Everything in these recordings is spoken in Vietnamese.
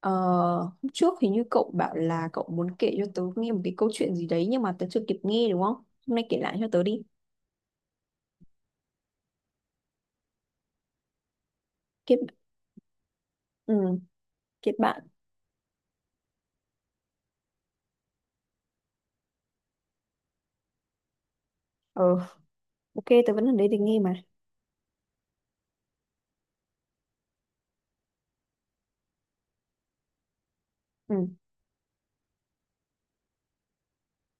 Ờ, Hôm trước thì như cậu bảo là cậu muốn kể cho tớ nghe một cái câu chuyện gì đấy nhưng mà tớ chưa kịp nghe đúng không? Hôm nay kể lại cho tớ đi. Kết ừ, kết bạn. Ờ, ok, tớ vẫn ở đây để nghe mà. Ừ.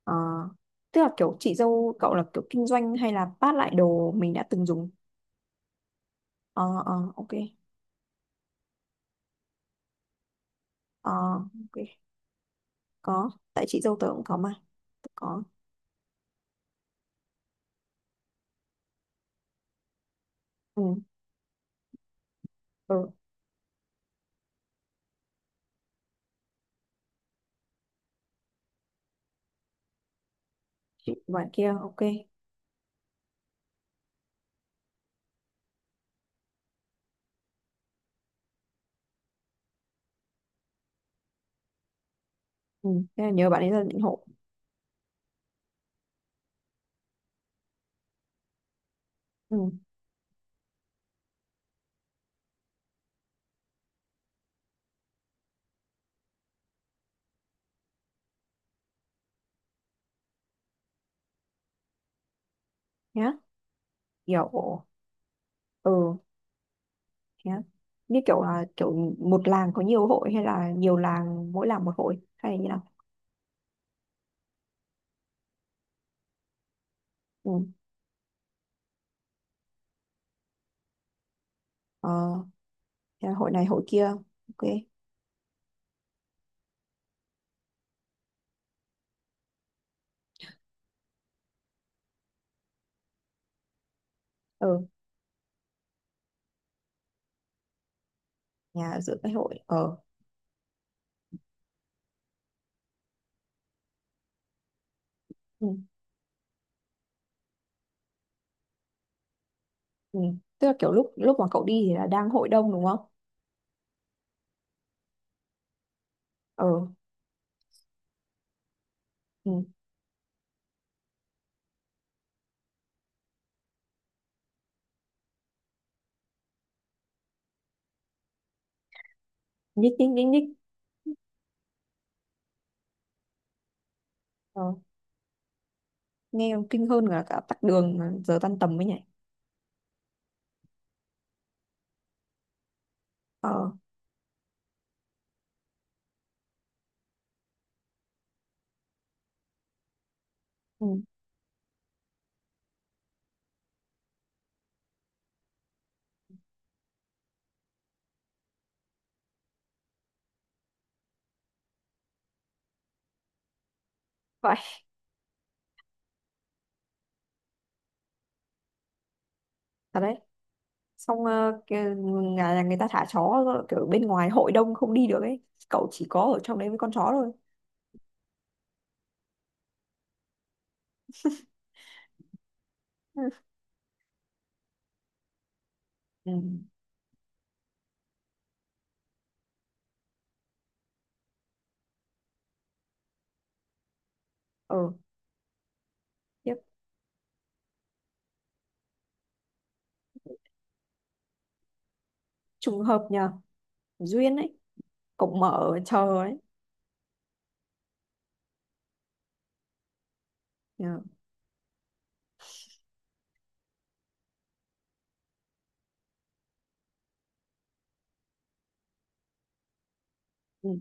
Ờ, Tức là kiểu chị dâu cậu là kiểu kinh doanh hay là phát lại đồ mình đã từng dùng? Ờ, ờ, ok. Ờ, ok. Có. Tại chị dâu tớ cũng có mà. Tớ có. Ừ. Ừ. Chị bạn kia, ok. Ừ. Thế là nhớ bạn ấy là định hộ. Ừ. Nhá. Kiểu, ừ. Thế á? Như kiểu là kiểu một làng có nhiều hội hay là nhiều làng mỗi làng một hội hay là như nào? Ừ. Ờ, Thế là hội này hội kia. Ok. Ừ, nhà ở giữa cái hội. Ờ. Ừ. Ừ. Tức là kiểu lúc lúc mà cậu đi thì là đang hội đông đúng không? Ờ. Ừ. Nhích nhích nhích nhích. Ờ. Nghe còn kinh hơn là cả tắc đường mà giờ tan tầm mới nhỉ. Ờ. Ừ. Vậy. Thật đấy. Xong nhà nhà người ta thả chó, kiểu bên ngoài hội đông không đi được ấy. Cậu chỉ có ở trong đấy với con chó thôi. Ừ. Ừ. Ờ. Tiếp. Trùng hợp nhờ. Duyên ấy. Cổng mở chờ ấy. Nhờ. Ừ.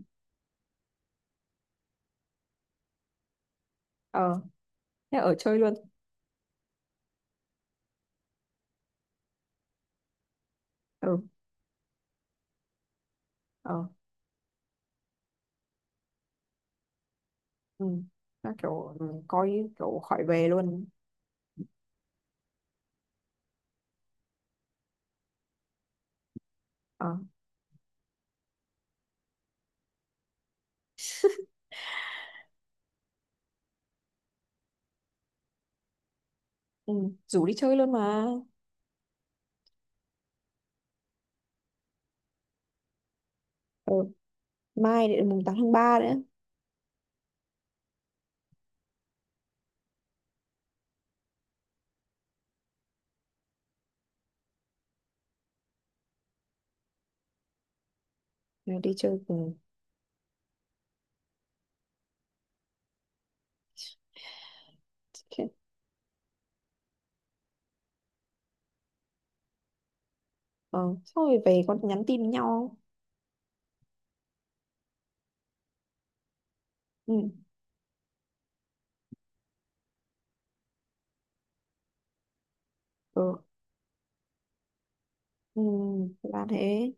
Ờ. Thế ở chơi luôn. Ừ. Ờ. Ừ. Nó kiểu coi kiểu khỏi về luôn. Ờ. Ừ. Rủ đi chơi luôn mà. Ừ. Mai đến 8/3 nữa. Rồi đi chơi cùng. Ờ. Xong rồi về còn nhắn tin với nhau. Ừ. Ừ. Ừ. Là thế.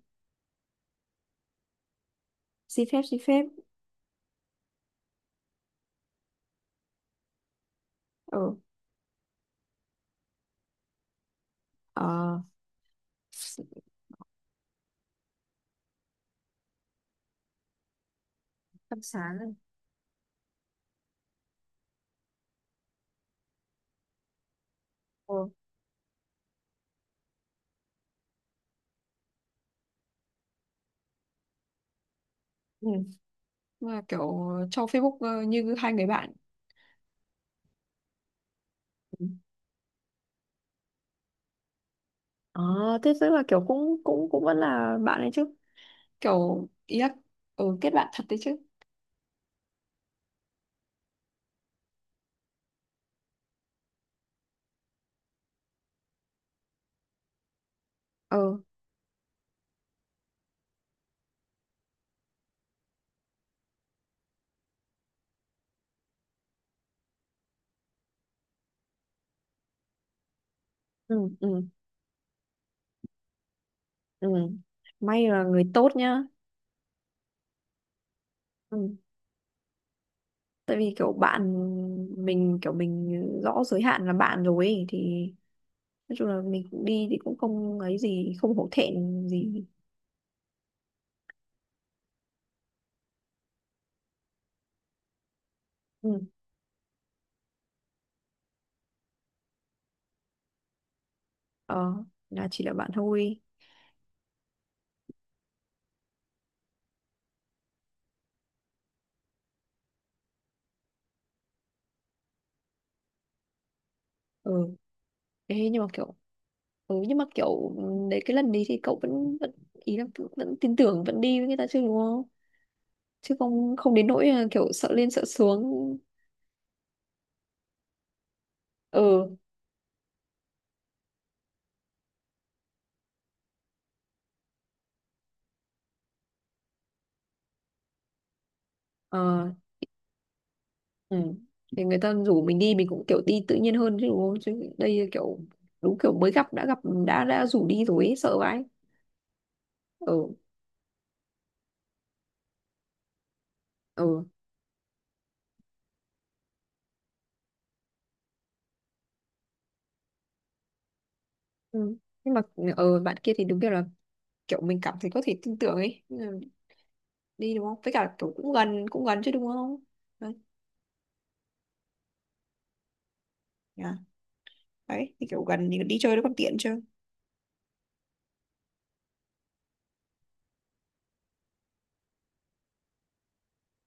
Xin phép xin phép. Ừ. Ờ. Tâm sáng rồi. Ừ. Ừ. Mà kiểu cho Facebook, như hai người bạn. Ừ. À, thế tức là kiểu cũng cũng cũng vẫn là bạn ấy chứ. Kiểu ý là kết bạn thật đấy chứ. Ừ, ừ, ừ, ừ. May là người tốt nhá. Ừ. Tại vì kiểu bạn mình, kiểu mình rõ giới hạn là bạn rồi ấy, thì nói chung là mình cũng đi thì cũng không ấy gì, không hổ thẹn gì. Ừ. Ờ, là chỉ là bạn thôi. Ừ. Ê, nhưng mà kiểu, đấy cái lần đấy thì cậu vẫn vẫn ý là vẫn tin tưởng vẫn đi với người ta chứ đúng không? Chứ không không đến nỗi là kiểu sợ lên sợ xuống. Ừ, ờ, ừ. Thì người ta rủ mình đi mình cũng kiểu đi tự nhiên hơn chứ đúng không, chứ đây kiểu đúng kiểu mới gặp đã rủ đi rồi ấy, sợ vãi. Ừ, ừ, ừ. Nhưng mà bạn kia thì đúng kiểu là kiểu mình cảm thấy có thể tin tưởng ấy. Nhưng mà đi đúng không, với cả kiểu cũng gần chứ đúng không đấy, yeah. Đấy thì kiểu gần thì đi chơi nó còn tiện chứ.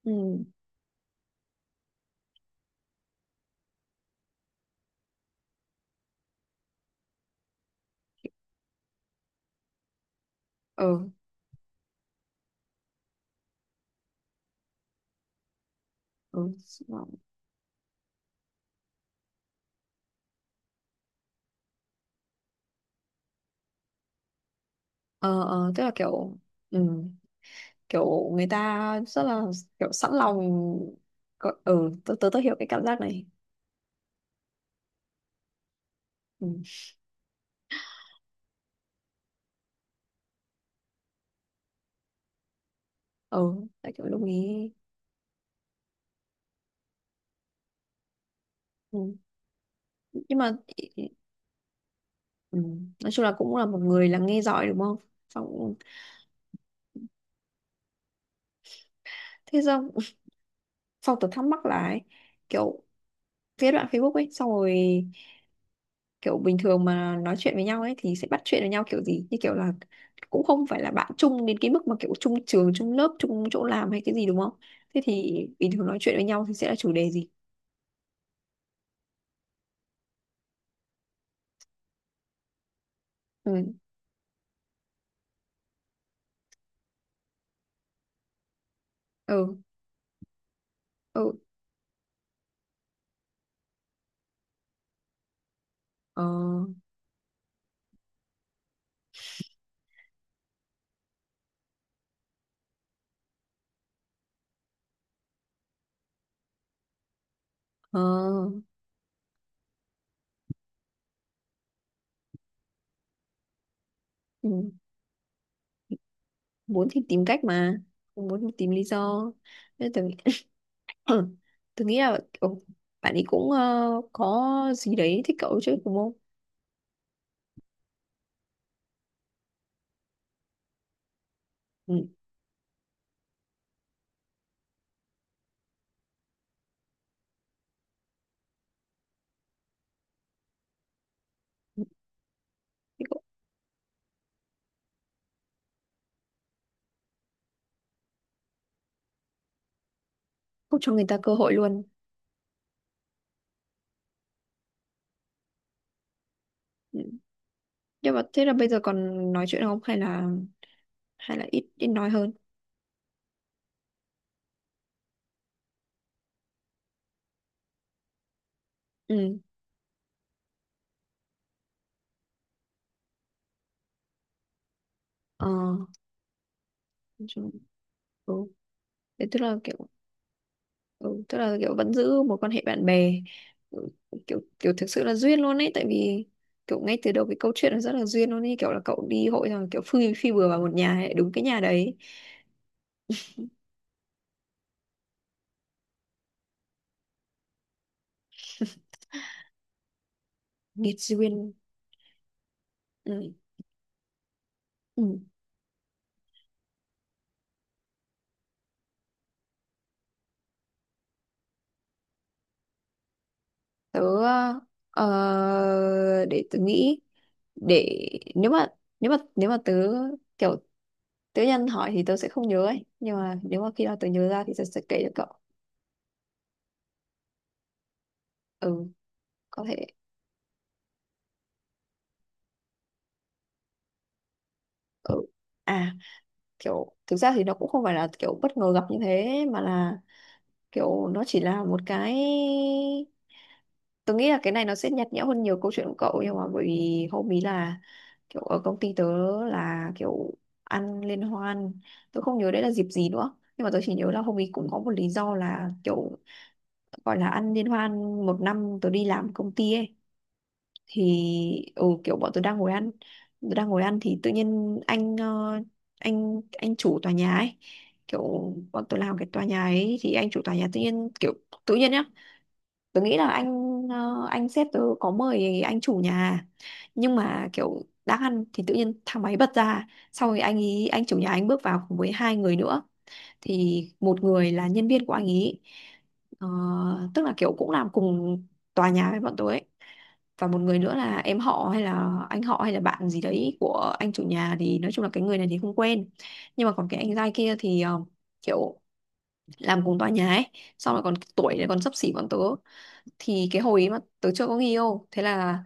Ừ, ờ, ừ. Ờ, ờ, tức là kiểu, ừ. Kiểu người ta rất là kiểu sẵn lòng có- ừ tớ tớ, tớ hiểu cái cảm giác này. Ừ, ừ, tại kiểu đồng ý. Ừ. Nhưng mà, ừ. Nói chung là cũng là một người là nghe giỏi đúng không, xong. Thế xong xong tớ thắc mắc là ấy, kiểu cái đoạn Facebook ấy, xong rồi kiểu bình thường mà nói chuyện với nhau ấy thì sẽ bắt chuyện với nhau kiểu gì, như kiểu là cũng không phải là bạn chung đến cái mức mà kiểu chung trường chung lớp chung chỗ làm hay cái gì đúng không, thế thì bình thường nói chuyện với nhau thì sẽ là chủ đề gì. Ừ, ừ, ừ, ờ, ờ, ừ. Muốn thì tìm cách, mà không muốn thì tìm lý do, nên tôi nghĩ tôi nghĩ là kiểu bạn ấy cũng, có gì đấy thích cậu chứ đúng không. Ừ. Thế cậu không cho người ta cơ hội luôn. Ừ. Nhưng mà thế là bây giờ còn nói chuyện không hay là ít ít nói hơn. Ừ, ờ, nói chung. Ừ. Thế tức là kiểu vẫn giữ một quan hệ bạn bè. Ừ, kiểu kiểu thực sự là duyên luôn ấy, tại vì kiểu ngay từ đầu cái câu chuyện nó rất là duyên luôn ấy, kiểu là cậu đi hội rồi kiểu phi phi bừa vào một nhà ấy, đúng cái nhà đấy. Nghiệt duyên. Ừ. Ừ. Tớ, để tớ nghĩ, để, nếu mà tớ kiểu tớ nhân hỏi thì tớ sẽ không nhớ ấy, nhưng mà nếu mà khi nào tớ nhớ ra thì tớ sẽ kể cho cậu. Ừ. Có thể. Ừ, à, kiểu thực ra thì nó cũng không phải là kiểu bất ngờ gặp như thế, mà là kiểu nó chỉ là một cái, tôi nghĩ là cái này nó sẽ nhạt nhẽo hơn nhiều câu chuyện của cậu, nhưng mà bởi vì hôm ý là kiểu ở công ty tớ, là kiểu ăn liên hoan, tôi không nhớ đấy là dịp gì nữa nhưng mà tôi chỉ nhớ là hôm ý cũng có một lý do là kiểu gọi là ăn liên hoan một năm tôi đi làm công ty ấy, thì ừ, kiểu bọn tôi đang ngồi ăn tôi đang ngồi ăn thì tự nhiên anh ờ, anh chủ tòa nhà ấy, kiểu bọn tôi làm cái tòa nhà ấy thì anh chủ tòa nhà tự nhiên kiểu tự nhiên nhá, tớ nghĩ là anh sếp tớ có mời anh chủ nhà, nhưng mà kiểu đang ăn thì tự nhiên thang máy bật ra sau rồi anh ý anh chủ nhà anh bước vào cùng với hai người nữa, thì một người là nhân viên của anh ý, ờ, tức là kiểu cũng làm cùng tòa nhà với bọn tớ ấy, và một người nữa là em họ hay là anh họ hay là bạn gì đấy của anh chủ nhà, thì nói chung là cái người này thì không quen, nhưng mà còn cái anh giai kia thì kiểu làm cùng tòa nhà ấy, xong rồi còn tuổi này còn xấp xỉ bọn tớ, thì cái hồi ấy mà tớ chưa có người yêu thế là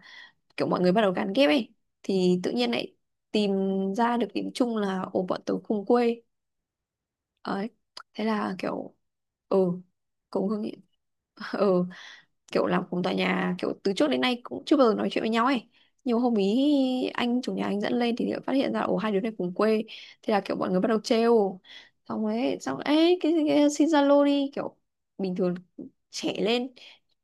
kiểu mọi người bắt đầu gán ghép ấy, thì tự nhiên lại tìm ra được điểm chung là ồ bọn tớ cùng quê ấy, thế là kiểu ừ cùng hương. Ừ, kiểu làm cùng tòa nhà kiểu từ trước đến nay cũng chưa bao giờ nói chuyện với nhau ấy, nhiều hôm ý anh chủ nhà anh dẫn lên thì lại phát hiện ra ồ hai đứa này cùng quê, thế là kiểu mọi người bắt đầu trêu, xong ấy cái xin Zalo đi kiểu bình thường, trẻ lên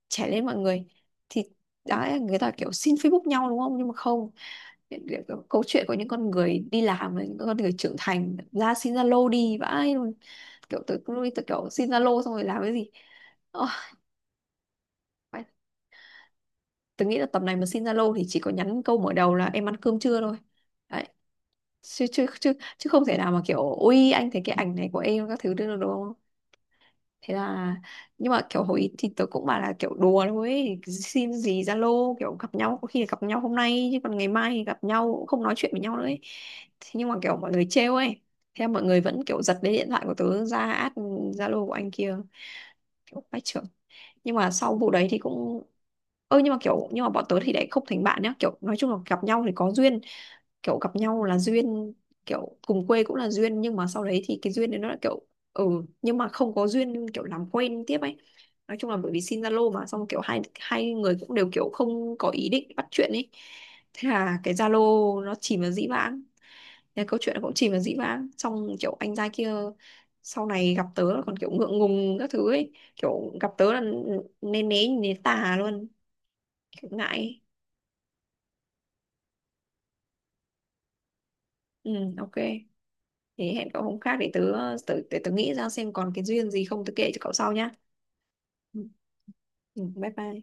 trẻ lên mọi người thì đã người ta kiểu xin Facebook nhau đúng không, nhưng mà không, câu chuyện của những con người đi làm và những con người trưởng thành ra xin Zalo đi vãi luôn, kiểu tới lúc ấy tôi kiểu xin Zalo xong rồi làm cái gì. Ờ, tôi nghĩ là tầm này mà xin Zalo thì chỉ có nhắn câu mở đầu là em ăn cơm chưa thôi. Đấy. Chứ không thể nào mà kiểu ui anh thấy cái ảnh này của em các thứ được đúng không? Thế là, nhưng mà kiểu hồi ý thì tớ cũng bảo là kiểu đùa thôi ấy. Xin gì Zalo, kiểu gặp nhau có khi là gặp nhau hôm nay chứ còn ngày mai thì gặp nhau cũng không nói chuyện với nhau nữa ấy. Thế nhưng mà kiểu mọi người trêu ấy. Thế là mọi người vẫn kiểu giật lấy điện thoại của tớ ra add Zalo của anh kia. Kiểu bách trưởng, nhưng mà sau vụ đấy thì cũng, ơ nhưng mà bọn tớ thì lại không thành bạn nhá, kiểu nói chung là gặp nhau thì có duyên, kiểu gặp nhau là duyên, kiểu cùng quê cũng là duyên, nhưng mà sau đấy thì cái duyên đấy nó là kiểu, ừ, nhưng mà không có duyên kiểu làm quen tiếp ấy, nói chung là bởi vì xin Zalo mà xong kiểu hai hai người cũng đều kiểu không có ý định bắt chuyện ấy, thế là cái Zalo nó chìm vào dĩ vãng, thế câu chuyện nó cũng chìm vào dĩ vãng, xong kiểu anh trai kia sau này gặp tớ là còn kiểu ngượng ngùng các thứ ấy, kiểu gặp tớ là nên né nhìn đến tà luôn, kiểu ngại ấy. Ừ, ok. Thế hẹn cậu hôm khác để tớ, tớ, để tớ nghĩ ra xem còn cái duyên gì không tớ kể cho cậu sau nhá. Ừ, ừ, bye bye.